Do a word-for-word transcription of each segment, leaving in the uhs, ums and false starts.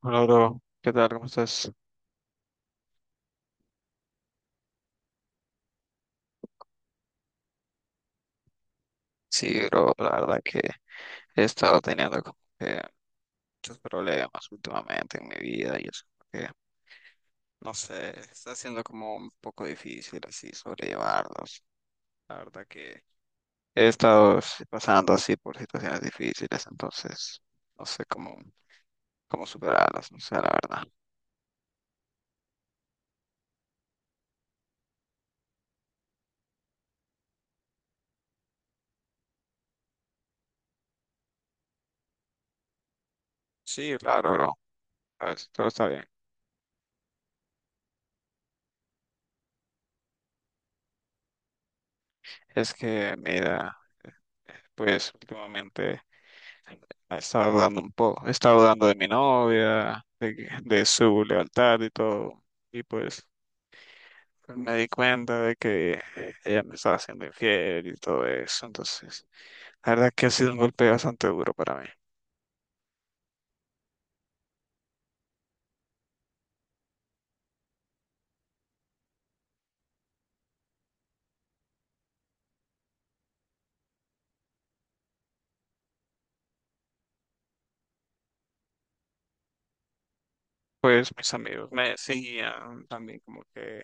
Hola, bro. ¿Qué tal? ¿Cómo estás? Sí, bro, la verdad que he estado teniendo como que muchos problemas últimamente en mi vida y eso que, no sé, está siendo como un poco difícil así sobrellevarlos. La verdad que he estado s- pasando así por situaciones difíciles, entonces no sé cómo, cómo superarlas, no sé, la verdad. Sí, claro, bro. A ver, todo está bien. Es que, mira, eh, pues últimamente, estaba dudando un poco, estaba dudando de mi novia, de, que- de su lealtad y todo. Y pues me di cuenta de que eh, ella me estaba haciendo infiel y todo eso. Entonces, la verdad que ha sido un golpe bastante duro para mí. Pues mis amigos me decían también como que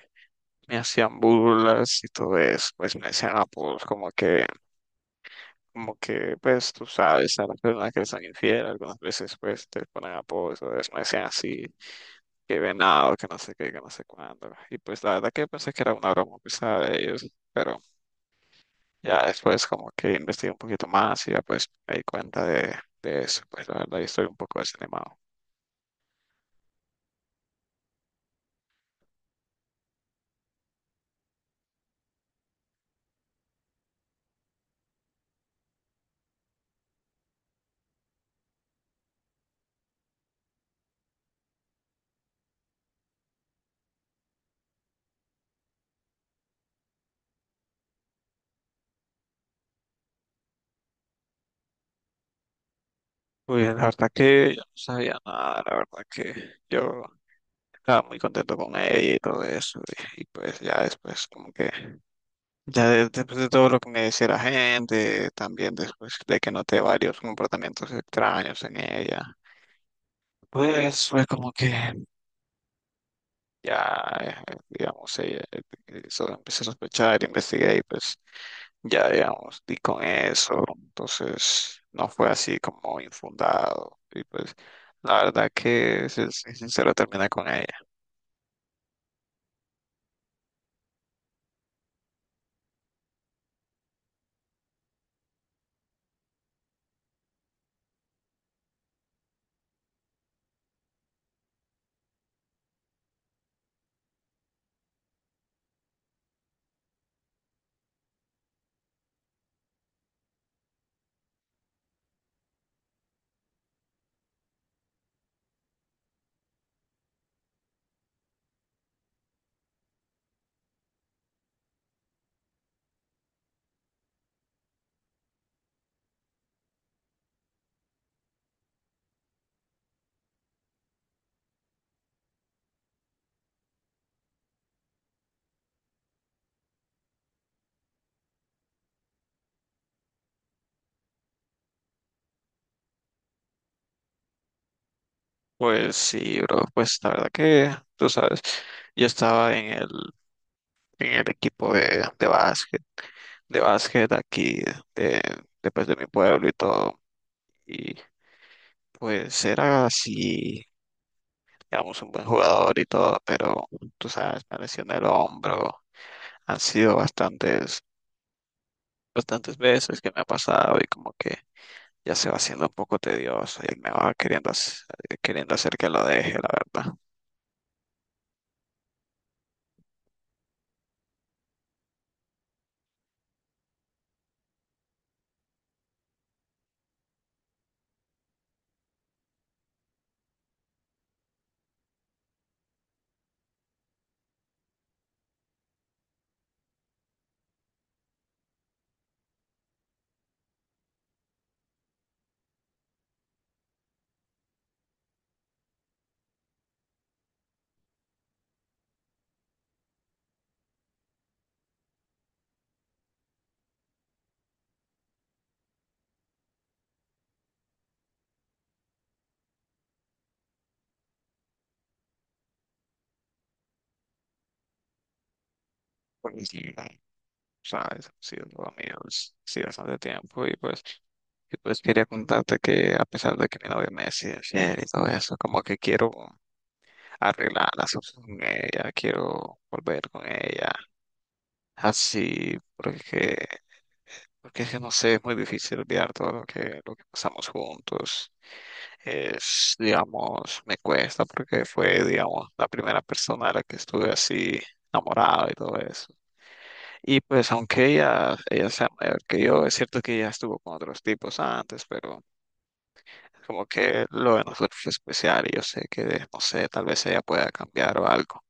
me hacían burlas y todo eso. Pues me decían apodos como que, como que, pues tú sabes, a las personas que les son infieles algunas veces pues te ponen apodos, entonces me decían así, que venado, que no sé qué, que no sé cuándo. Y pues la verdad que pensé que era una broma pesada de ellos, pero ya después como que investigué un poquito más y ya pues me di cuenta de, de eso. Pues la verdad yo estoy un poco desanimado. Pues la verdad que yo no sabía nada, la verdad que yo estaba muy contento con ella y todo eso. Y, y pues ya después como que, ya de- después de todo lo que me decía la gente, también después de que noté varios comportamientos extraños en ella. Pues fue como que ya, eh, digamos, ella, eh, eso empecé a sospechar, investigué y pues ya, digamos, di con eso. Entonces no fue así como infundado. Y pues la verdad que, si soy sincero, terminé con ella. Pues sí, bro, pues la verdad que, tú sabes, yo estaba en el, en el equipo de, de básquet, de básquet aquí, de, de, pues, de mi pueblo y todo. Y pues era así, digamos, un buen jugador y todo, pero tú sabes, me lesioné el hombro. Han sido bastantes, bastantes veces que me ha pasado y como que ya se va haciendo un poco tedioso y él me va queriendo, hac- queriendo hacer que lo deje, la verdad. Pues, sí, sabes, ha sido todo mío, es- sí, bastante tiempo y pues, y pues quería contarte que a pesar de que mi novia me decía ayer y todo eso, como que quiero arreglar las cosas con ella, quiero volver con ella, así, porque, porque es que no sé, es muy difícil olvidar todo lo que, lo que pasamos juntos. Es, digamos, me cuesta porque fue, digamos, la primera persona a la que estuve así enamorado y todo eso. Y pues aunque ella, ella sea mayor que yo, es cierto que ella estuvo con otros tipos antes, pero como que lo de nosotros es especial y yo sé que, no sé, tal vez ella pueda cambiar o algo.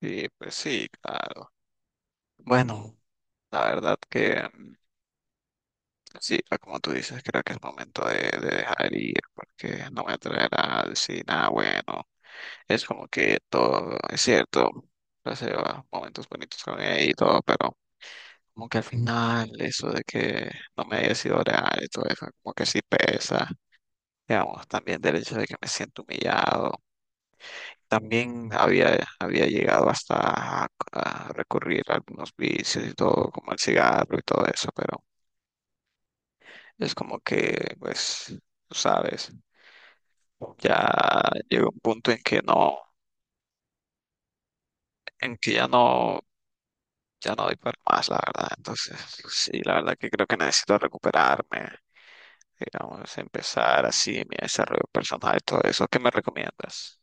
Sí, pues sí, claro. Bueno, la verdad que mm, sí, ah, como tú dices, creo que es momento de, de dejar ir porque no me traerá a decir nada bueno. Es como que todo, es cierto, pasé ah, momentos bonitos con ella y todo, pero como que al final eso de que no me haya sido real y todo eso, como que sí pesa. Digamos, también del hecho de que me siento humillado. También había, había llegado hasta a, a recurrir a algunos vicios y todo, como el cigarro y todo eso, pero es como que, pues, tú sabes, ya llegó un punto en que no, en que ya no, ya no doy para más, la verdad. Entonces, sí, la verdad que creo que necesito recuperarme, digamos, empezar así mi desarrollo personal y todo eso. ¿Qué me recomiendas?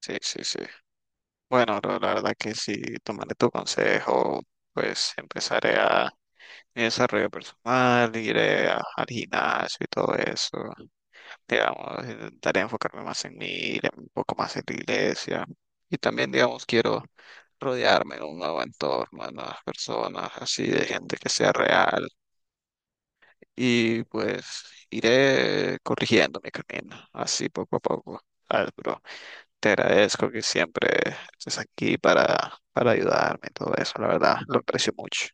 Sí, sí, sí. Bueno, la la verdad que sí, tomaré tu consejo, pues empezaré a mi desarrollo personal, iré a- al gimnasio y todo eso. Digamos, intentaré enfocarme más en mí, iré un poco más en la iglesia. Y también, digamos, quiero rodearme de un nuevo entorno, de nuevas personas, así de gente que sea real. Y pues iré corrigiendo mi camino, así poco a poco. ¿Sabes, bro? Te agradezco que siempre estés aquí para, para ayudarme y todo eso, la verdad, lo aprecio mucho.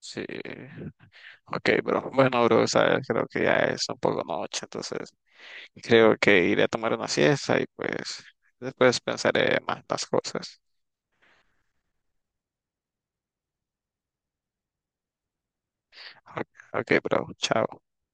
Sí, ok, bro. Bueno, bro, sabes, creo que ya es un poco noche, entonces creo que iré a tomar una siesta y pues después pensaré más las cosas. Ok, ok, bro, chao.